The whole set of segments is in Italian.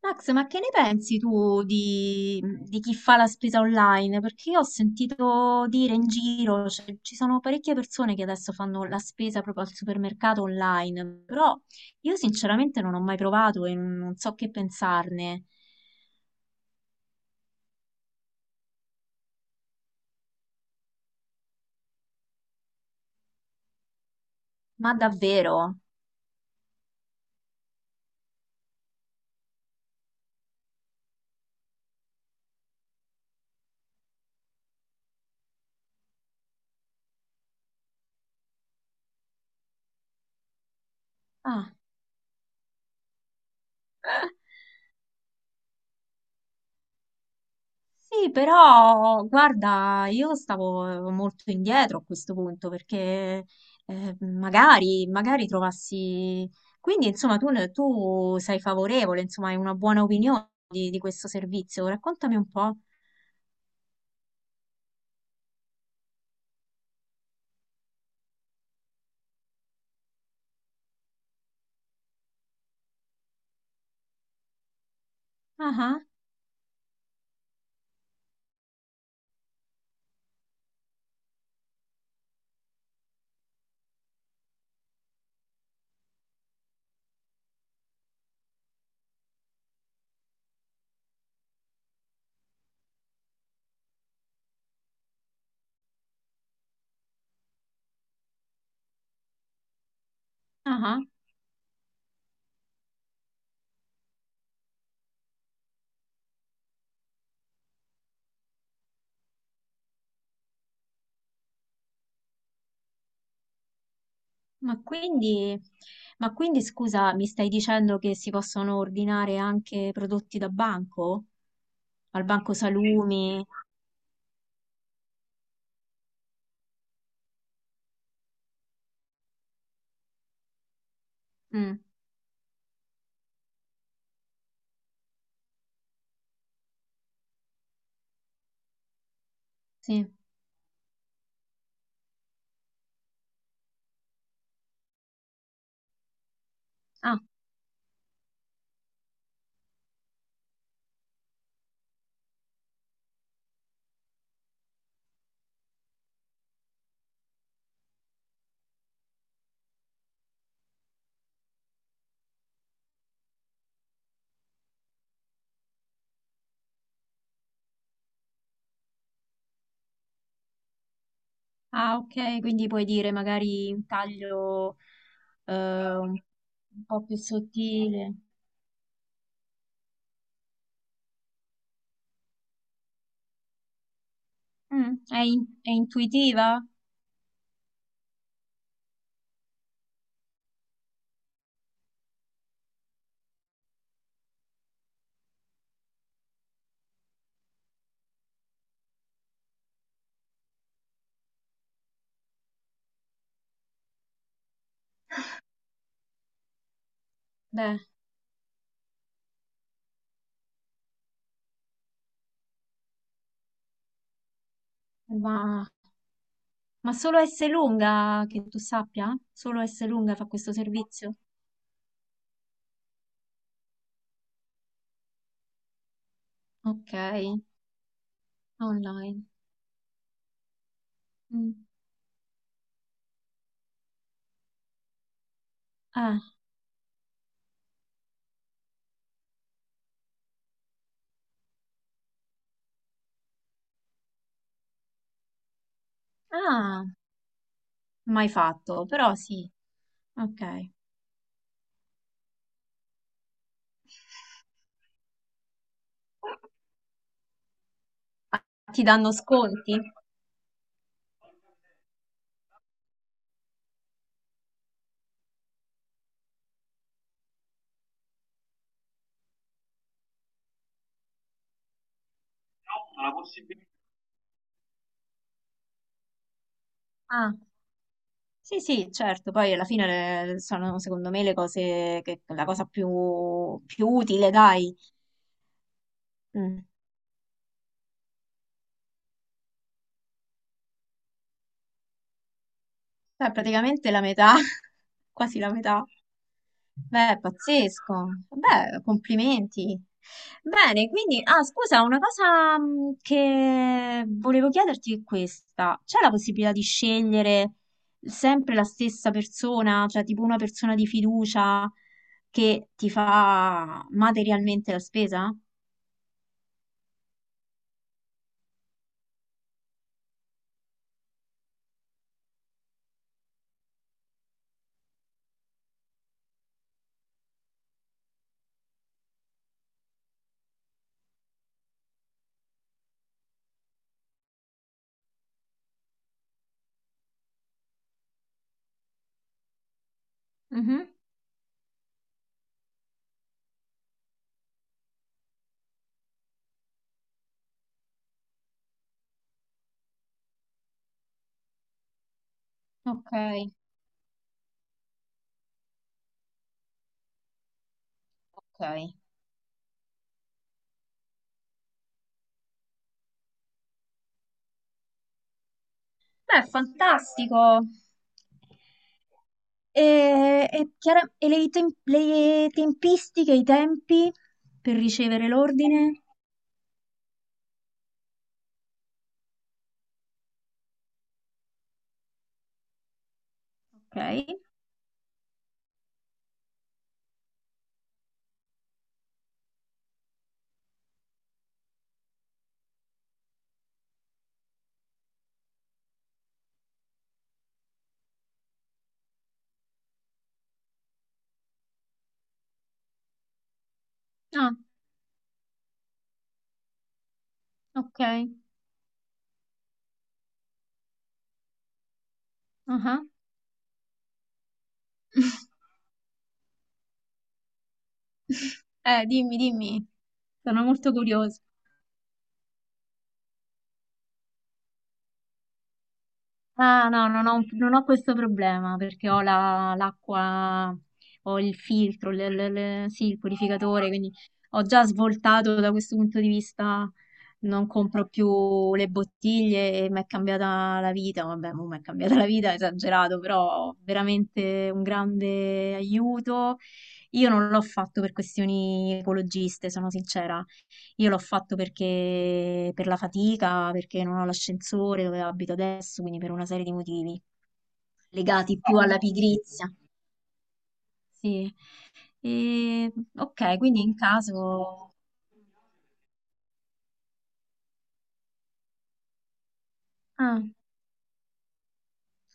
Max, ma che ne pensi tu di chi fa la spesa online? Perché io ho sentito dire in giro, cioè, ci sono parecchie persone che adesso fanno la spesa proprio al supermercato online, però io sinceramente non ho mai provato e non so che pensarne. Ma davvero? Ah. Sì, però guarda, io stavo molto indietro a questo punto perché magari, magari trovassi... Quindi, insomma, tu, tu sei favorevole, insomma, hai una buona opinione di questo servizio. Raccontami un po'. Ah, ah, ah, ah. Ma quindi, ma quindi, scusa, mi stai dicendo che si possono ordinare anche prodotti da banco? Al banco salumi? Mm, sì. Ah. Ah, ok, quindi puoi dire magari un taglio eh, un un po' più sottile. Mm, è intuitiva? Beh, ma, ma solo S lunga, che tu sappia? Solo S lunga fa questo servizio? Ok, online. Mm. Ah, ah, mai fatto, però sì, ok. Ah, ti danno sconti? Ah. Sì, sì, certo, poi alla fine sono secondo me le cose che la cosa più, più utile, dai. Mm. Beh, praticamente la metà, quasi la metà. Beh, è pazzesco. Beh, complimenti. Bene, quindi, ah, scusa, una cosa che volevo chiederti è questa. C'è la possibilità di scegliere sempre la stessa persona, cioè tipo una persona di fiducia che ti fa materialmente la spesa? Mhm. Ok, ok. Beh, fantastico. E le tempistiche, i tempi per ricevere l'ordine? Ok. Ah, ok. Ah ah. Dimmi, dimmi, sono molto curiosa. Ah, no, non ho questo problema perché ho l'acqua, ho il filtro, sì, il purificatore, quindi ho già svoltato da questo punto di vista, non compro più le bottiglie e mi è cambiata la vita, vabbè, mo mi è cambiata la vita, esagerato, però veramente un grande aiuto. Io non l'ho fatto per questioni ecologiste, sono sincera. Io l'ho fatto perché per la fatica, perché non ho l'ascensore dove abito adesso, quindi per una serie di motivi legati più alla pigrizia. Sì. E, ok, quindi in caso... Ah,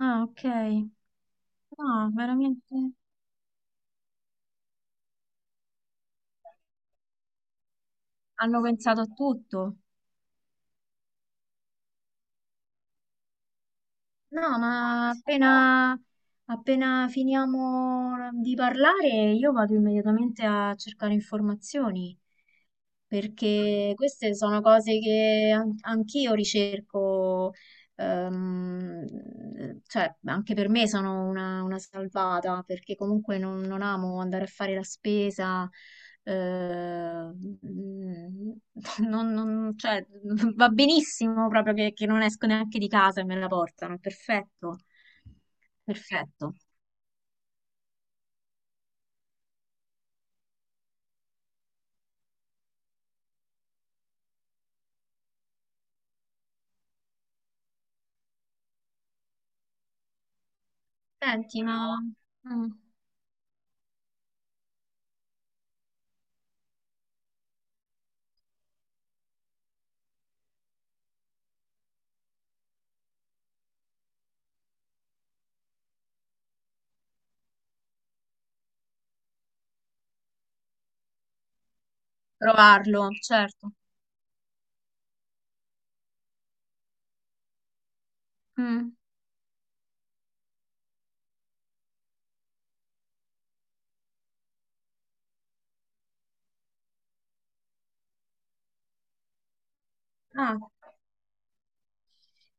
ah, ok. No, veramente hanno pensato a tutto. No, ma appena finiamo di parlare, io vado immediatamente a cercare informazioni, perché queste sono cose che anch'io ricerco. Ehm, cioè, anche per me sono una salvata perché comunque non amo andare a fare la spesa. eh, mm, cioè, va benissimo proprio che non esco neanche di casa e me la portano. È perfetto, perfetto. Senti, ma mm, provarlo, certo. Mm, ah.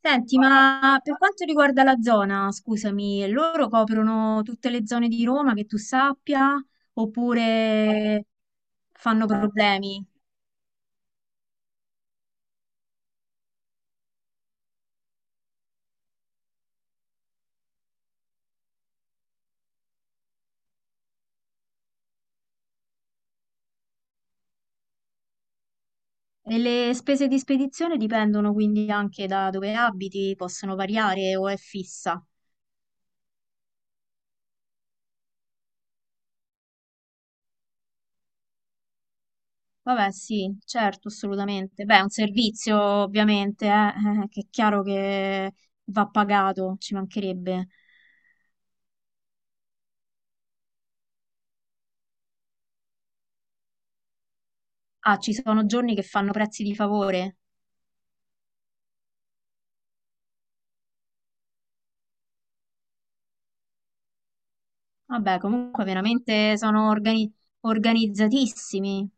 Senti, ma per quanto riguarda la zona, scusami, loro coprono tutte le zone di Roma che tu sappia oppure fanno problemi? E le spese di spedizione dipendono quindi anche da dove abiti, possono variare o è fissa? Vabbè, sì, certo, assolutamente. Beh, è un servizio ovviamente, che è chiaro che va pagato, ci mancherebbe. Ah, ci sono giorni che fanno prezzi di favore? Vabbè, comunque veramente sono organizzatissimi.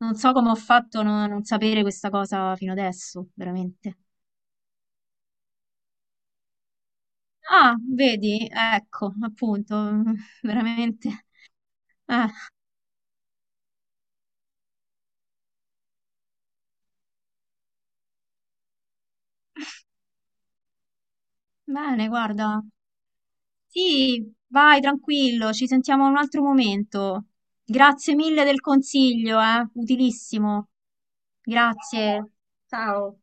Non so come ho fatto a non sapere questa cosa fino adesso, veramente. Ah, vedi, ecco, appunto, veramente. Eh, bene, guarda. Sì, vai tranquillo, ci sentiamo un altro momento. Grazie mille del consiglio, utilissimo. Grazie. Ciao.